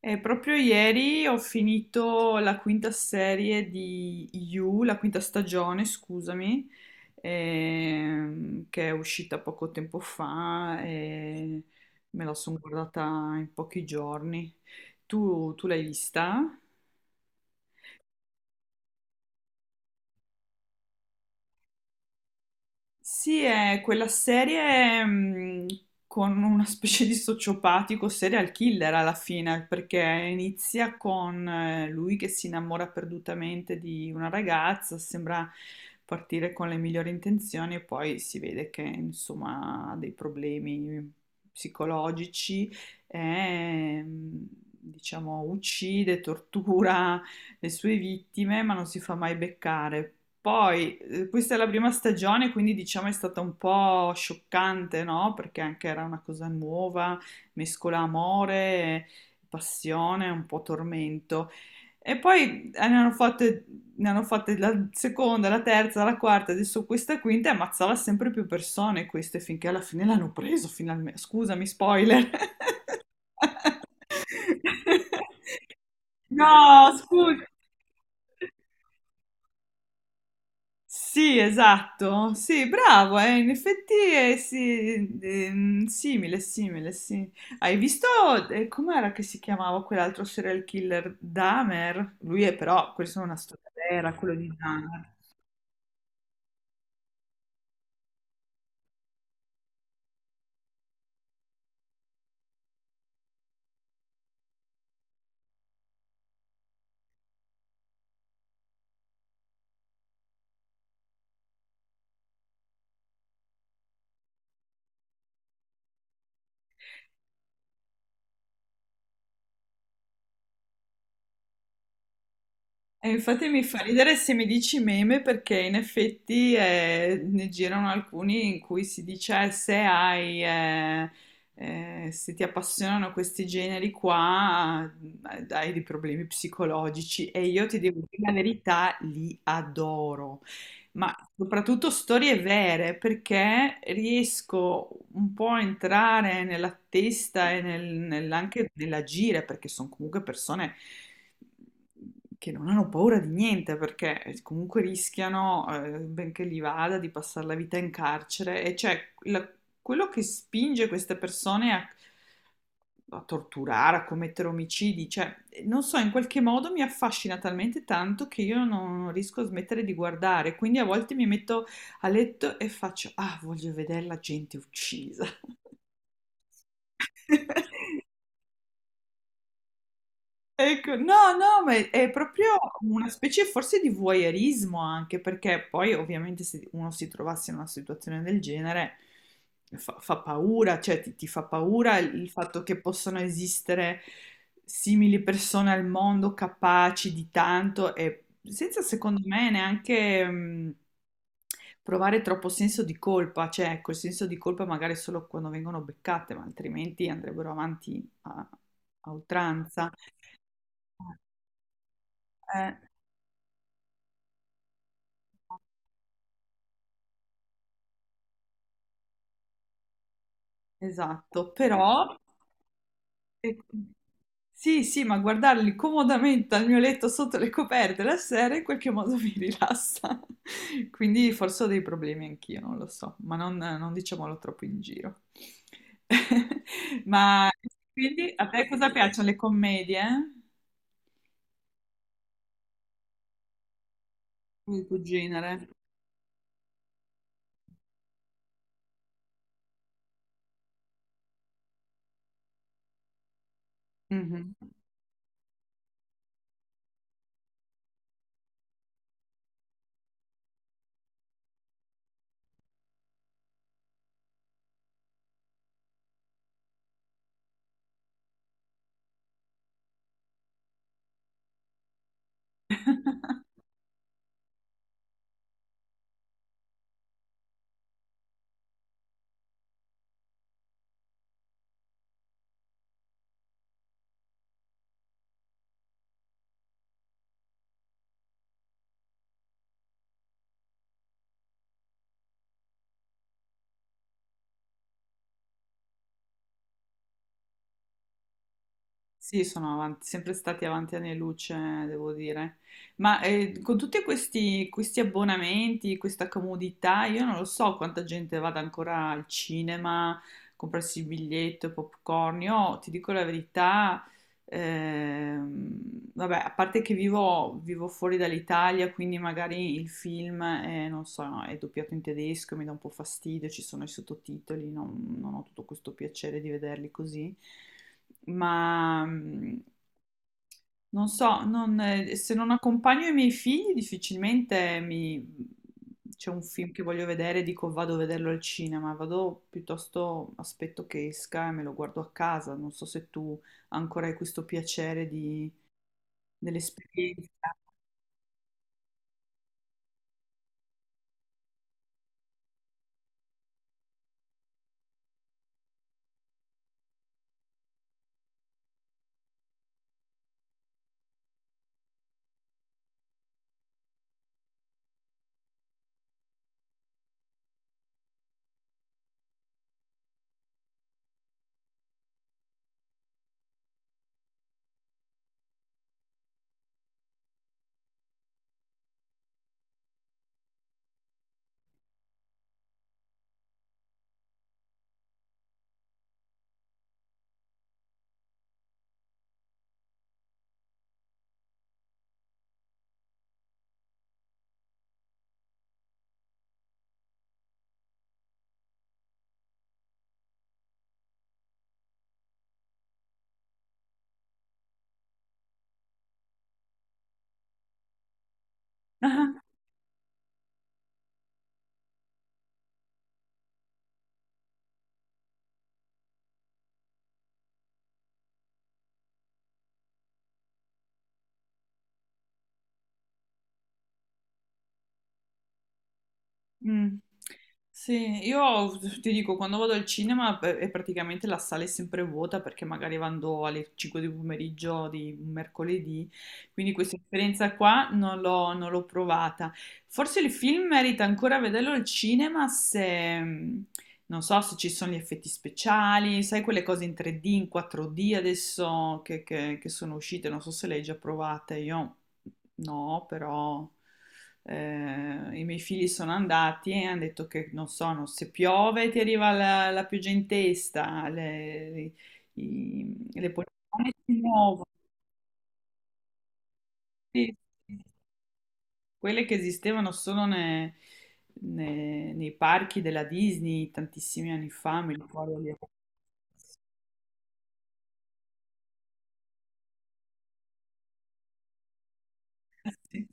E proprio ieri ho finito la quinta serie di You, la quinta stagione, scusami, che è uscita poco tempo fa e me la sono guardata in pochi giorni. Tu l'hai vista? Sì, è quella serie con una specie di sociopatico serial killer alla fine, perché inizia con lui che si innamora perdutamente di una ragazza, sembra partire con le migliori intenzioni e poi si vede che insomma ha dei problemi psicologici e diciamo uccide, tortura le sue vittime, ma non si fa mai beccare. Poi, questa è la prima stagione, quindi diciamo è stata un po' scioccante, no? Perché anche era una cosa nuova, mescola amore, passione, un po' tormento. E poi ne hanno fatte la seconda, la terza, la quarta, adesso questa quinta e ammazzava sempre più persone queste finché alla fine l'hanno preso finalmente. Scusami, spoiler. No, scusa. Sì, esatto, sì, bravo, in effetti è sì, simile, sì. Hai visto com'era che si chiamava quell'altro serial killer, Dahmer? Lui è però, questa è una storia vera, quello di Dahmer. E infatti mi fa ridere se mi dici meme perché in effetti ne girano alcuni in cui si dice se hai, se ti appassionano questi generi qua, hai dei problemi psicologici e io ti devo dire la verità, li adoro, ma soprattutto storie vere perché riesco un po' a entrare nella testa e anche nell'agire perché sono comunque persone che non hanno paura di niente perché comunque rischiano, benché gli vada, di passare la vita in carcere e cioè la- quello che spinge queste persone a, a torturare, a commettere omicidi, cioè non so, in qualche modo mi affascina talmente tanto che io non riesco a smettere di guardare, quindi a volte mi metto a letto e faccio, ah, voglio vedere la gente uccisa. Ecco, no, no, ma è proprio una specie forse di voyeurismo anche, perché poi ovviamente se uno si trovasse in una situazione del genere fa, fa paura, cioè ti fa paura il fatto che possano esistere simili persone al mondo capaci di tanto e senza secondo me neanche provare troppo senso di colpa, cioè ecco, il senso di colpa magari solo quando vengono beccate, ma altrimenti andrebbero avanti a a oltranza. Eh, esatto, però eh, sì, sì, ma guardarli comodamente al mio letto sotto le coperte la sera in qualche modo mi rilassa. Quindi forse ho dei problemi anch'io, non lo so, ma non, non diciamolo troppo in giro. Ma quindi a te cosa piacciono le commedie? Il tuo genere? Mhm. Sì, sempre stati avanti anni luce, devo dire. Ma con tutti questi abbonamenti, questa comodità, io non lo so quanta gente vada ancora al cinema, a comprarsi il biglietto, popcorn. Io ti dico la verità, vabbè, a parte che vivo fuori dall'Italia, quindi magari il film è, non so, no, è doppiato in tedesco, mi dà un po' fastidio, ci sono i sottotitoli, non ho tutto questo piacere di vederli così ma non so, se non accompagno i miei figli c'è un film che voglio vedere e dico vado a vederlo al cinema, vado piuttosto aspetto che esca e me lo guardo a casa, non so se tu ancora hai questo piacere dell'esperienza. Mm. Sì, io ti dico, quando vado al cinema è praticamente la sala è sempre vuota perché magari vado alle 5 di pomeriggio di un mercoledì, quindi questa esperienza qua non l'ho provata. Forse il film merita ancora vederlo al cinema se, non so se ci sono gli effetti speciali, sai quelle cose in 3D, in 4D adesso che sono uscite, non so se le hai già provate, io no, però i miei figli sono andati e hanno detto che non so, se piove ti arriva la, la pioggia in testa, le poltrone si muovono. Sì, sì, sì, quelle che esistevano solo nei parchi della Disney tantissimi anni fa, mi ricordo. Sì,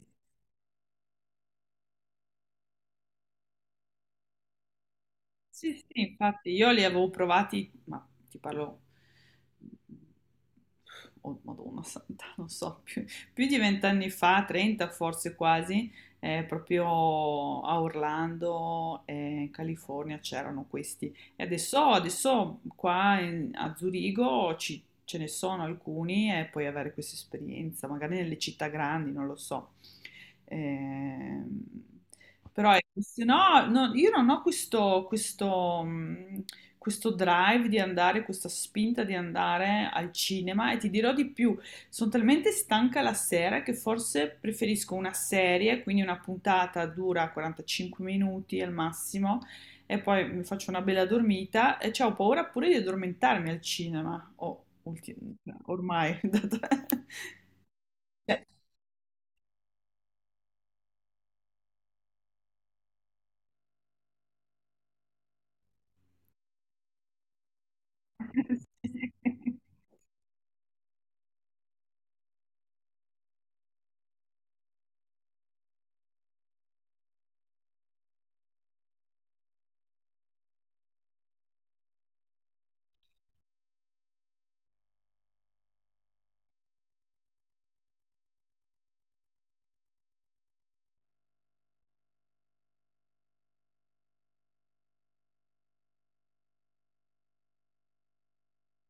sì, sì, infatti io li avevo provati, ma ti parlo, oh Madonna santa, non so, più di 20 anni fa, 30 forse quasi, proprio a Orlando, in California c'erano questi. E adesso, adesso qua a Zurigo ce ne sono alcuni e puoi avere questa esperienza, magari nelle città grandi, non lo so. Ehm, però ecco, se no, no, io non ho questo, questo drive di andare, questa spinta di andare al cinema e ti dirò di più, sono talmente stanca la sera che forse preferisco una serie, quindi una puntata dura 45 minuti al massimo e poi mi faccio una bella dormita e c'ho paura pure di addormentarmi al cinema, o no, ormai, da te. Cioè, sì.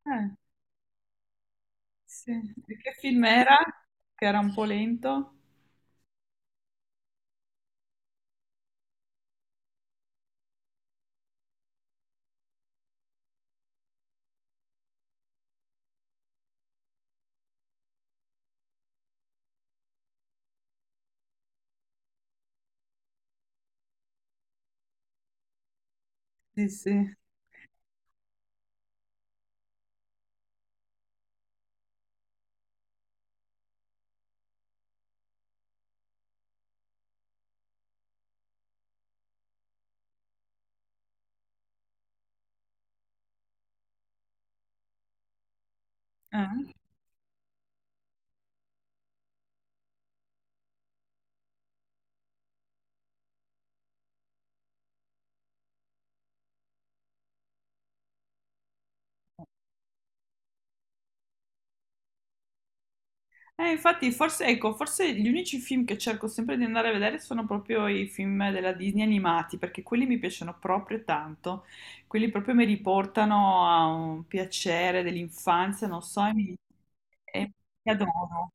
Eh, sì. E che film era? Che era un po' lento? Sì, sì. Eh. Infatti, forse, ecco, forse gli unici film che cerco sempre di andare a vedere sono proprio i film della Disney animati, perché quelli mi piacciono proprio tanto. Quelli proprio mi riportano a un piacere dell'infanzia, non so, e mi adoro.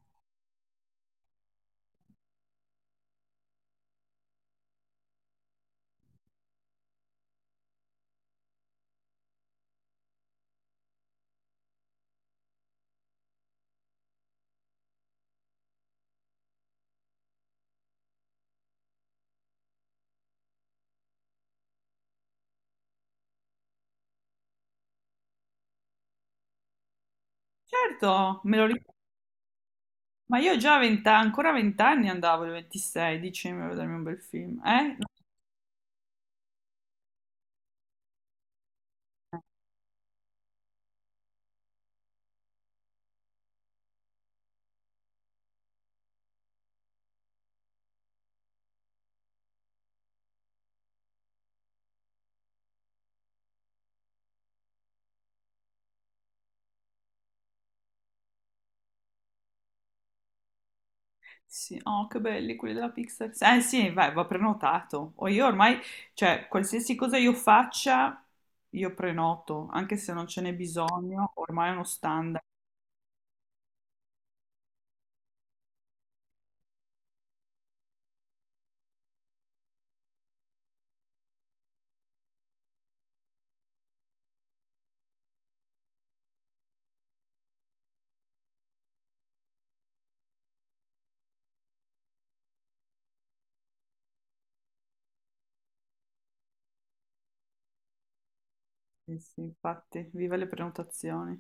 Certo, me lo ricordo. Ma io già a 20 anni andavo, il 26, dicevo, a vedermi un bel film. Eh? Sì, oh, che belli quelli della Pixar. Eh sì, vai, va prenotato. O io ormai, cioè, qualsiasi cosa io faccia, io prenoto, anche se non ce n'è bisogno, ormai è uno standard. Sì, sì, infatti, viva le prenotazioni.